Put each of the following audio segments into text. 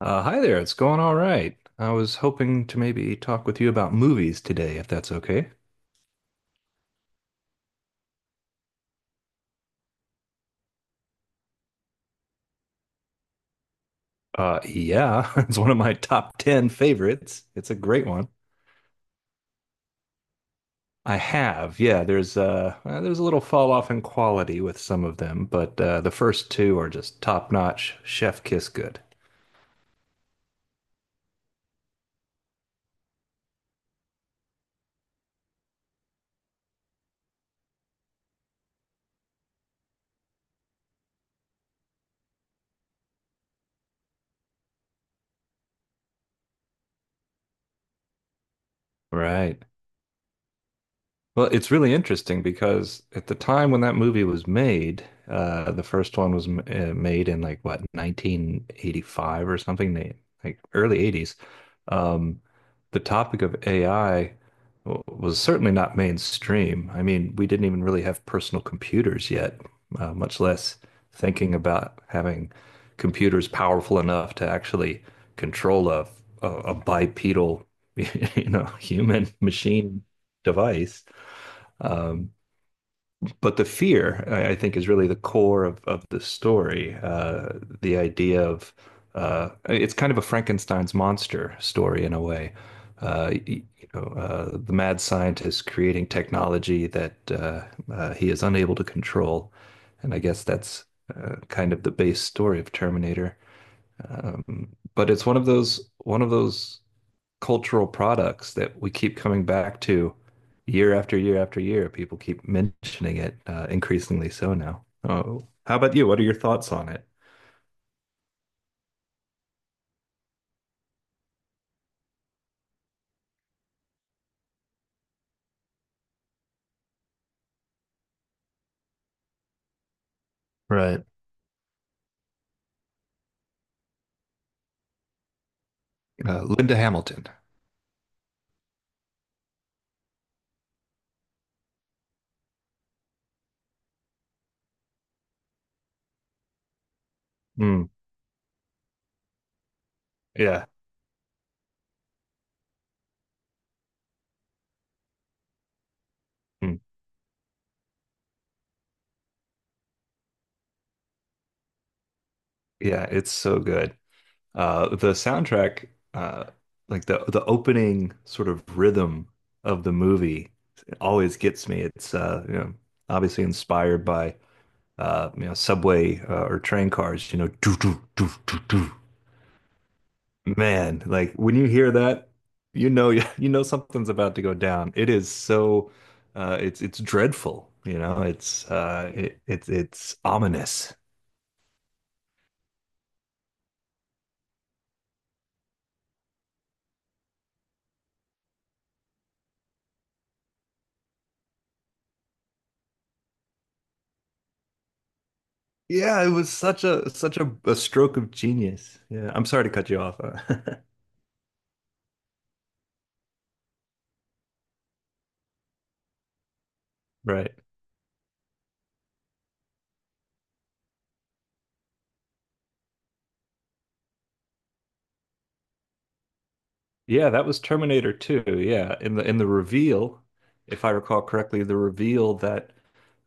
Hi there, it's going all right. I was hoping to maybe talk with you about movies today, if that's okay. Yeah, it's one of my top 10 favorites. It's a great one. I have, yeah, there's a little fall off in quality with some of them, but the first two are just top notch, chef kiss good. Right. Well, it's really interesting because at the time when that movie was made, the first one was made in like what, 1985 or something, like early 80s. Um, the topic of AI was certainly not mainstream. I mean, we didn't even really have personal computers yet, much less thinking about having computers powerful enough to actually control a bipedal, you know, human machine device, but the fear, I think, is really the core of the story. The idea of it's kind of a Frankenstein's monster story in a way. You know, the mad scientist creating technology that he is unable to control, and I guess that's kind of the base story of Terminator. Um, but it's one of those cultural products that we keep coming back to year after year after year. People keep mentioning it, increasingly so now. Oh, how about you? What are your thoughts on it? Right. Linda Hamilton. Mm, yeah. Mm, yeah, it's so good. The soundtrack, uh, like the opening sort of rhythm of the movie always gets me. It's you know, obviously inspired by you know, subway or train cars, you know, do do do do do. Man, like when you hear that, you know, you know something's about to go down. It is so it's dreadful, you know. It's it's ominous. Yeah, it was such a stroke of genius. Yeah, I'm sorry to cut you off. Right. Yeah, that was Terminator 2. Yeah, in the reveal, if I recall correctly, the reveal that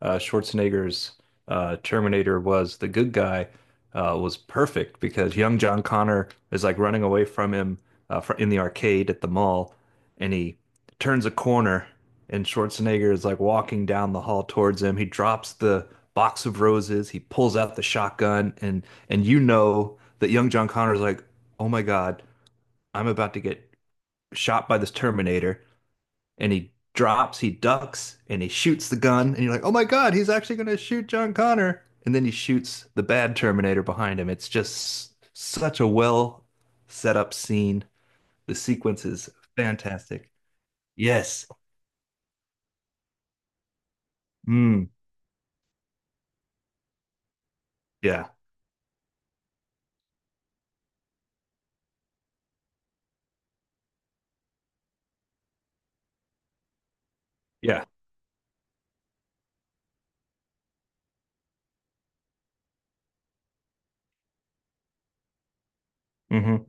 Schwarzenegger's Terminator was the good guy was perfect because young John Connor is like running away from him, fr in the arcade at the mall, and he turns a corner, and Schwarzenegger is like walking down the hall towards him. He drops the box of roses, he pulls out the shotgun, and you know that young John Connor is like, oh my God, I'm about to get shot by this Terminator, and he drops, he ducks, and he shoots the gun, and you're like, oh my God, he's actually going to shoot John Connor. And then he shoots the bad Terminator behind him. It's just such a well set up scene. The sequence is fantastic. Yes. Mm. Yeah. Yeah. Hmm.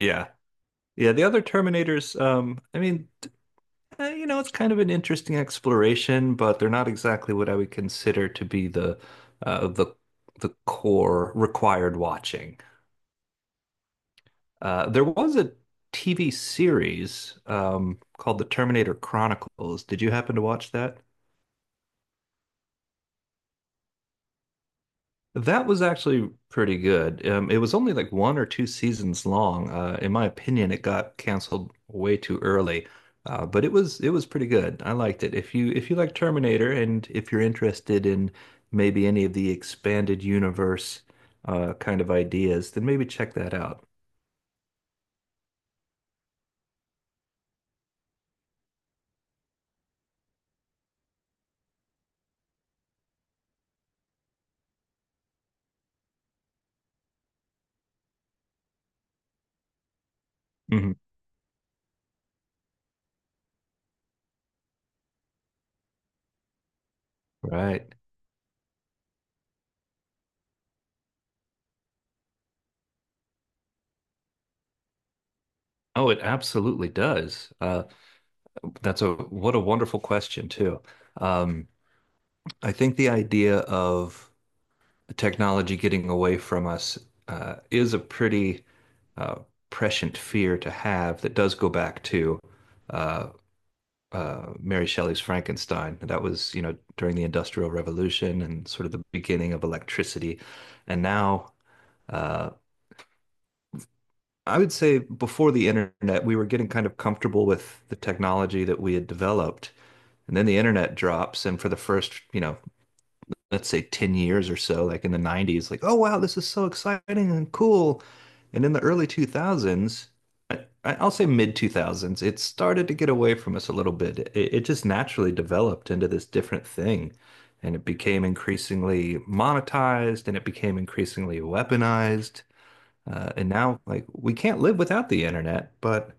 Yeah. Yeah. The other Terminators, I mean, you know, it's kind of an interesting exploration, but they're not exactly what I would consider to be the uh, the the core required watching. There was a TV series called The Terminator Chronicles. Did you happen to watch that? That was actually pretty good. It was only like one or two seasons long. In my opinion, it got canceled way too early, but it was pretty good. I liked it. If you like Terminator and if you're interested in maybe any of the expanded universe kind of ideas, then maybe check that out. Mhm. Right. Oh, it absolutely does. That's a— what a wonderful question too. Um, I think the idea of technology getting away from us is a pretty uh, prescient fear to have that does go back to uh, Mary Shelley's Frankenstein. That was, you know, during the Industrial Revolution and sort of the beginning of electricity. And now, uh, I would say before the internet, we were getting kind of comfortable with the technology that we had developed. And then the internet drops, and for the first, you know, let's say 10 years or so, like in the 90s, like, oh wow, this is so exciting and cool. And in the early 2000s, will say mid 2000s, it started to get away from us a little bit. It just naturally developed into this different thing. And it became increasingly monetized, and it became increasingly weaponized. And now, like, we can't live without the internet, but,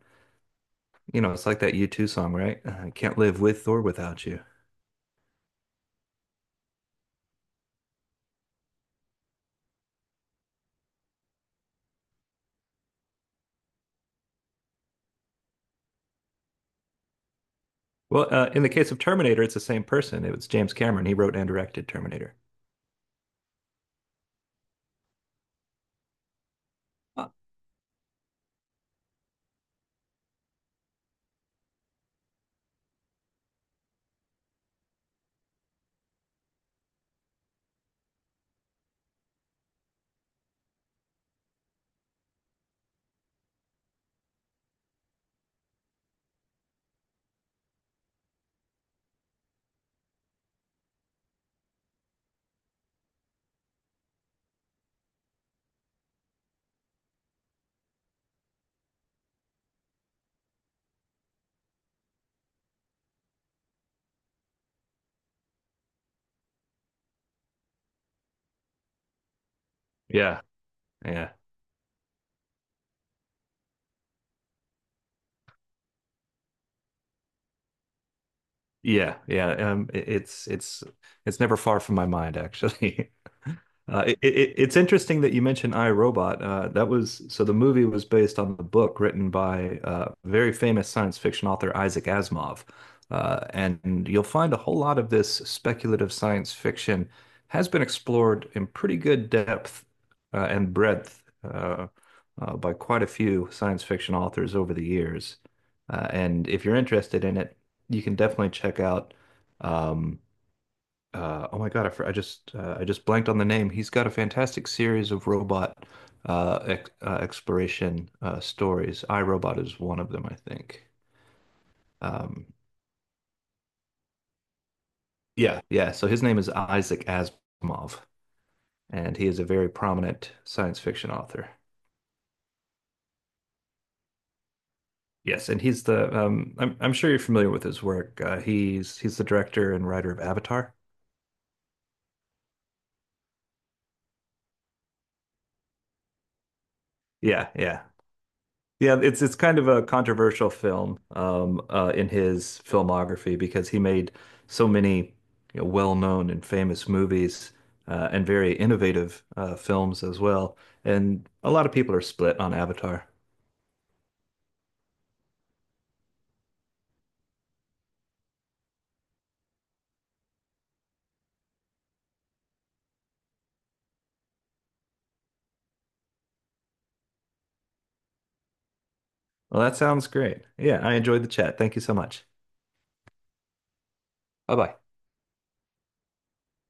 you know, it's like that U2 song, right? I can't live with or without you. Well, in the case of Terminator, it's the same person. It was James Cameron. He wrote and directed Terminator. Huh. Yeah, yeah, yeah. It's never far from my mind, actually. It's interesting that you mentioned iRobot. That was— so the movie was based on the book written by very famous science fiction author Isaac Asimov. And you'll find a whole lot of this speculative science fiction has been explored in pretty good depth and breadth, by quite a few science fiction authors over the years. And if you're interested in it, you can definitely check out. Um, oh my God, I just blanked on the name. He's got a fantastic series of robot ex exploration stories. I, Robot is one of them, I think. Um, yeah, yeah. So his name is Isaac Asimov, and he is a very prominent science fiction author. Yes, and he's the I'm sure you're familiar with his work. He's the director and writer of Avatar. Yeah, yeah. Yeah, it's kind of a controversial film in his filmography because he made so many, you know, well-known and famous movies, and very innovative films as well. And a lot of people are split on Avatar. Well, that sounds great. Yeah, I enjoyed the chat. Thank you so much. Bye bye.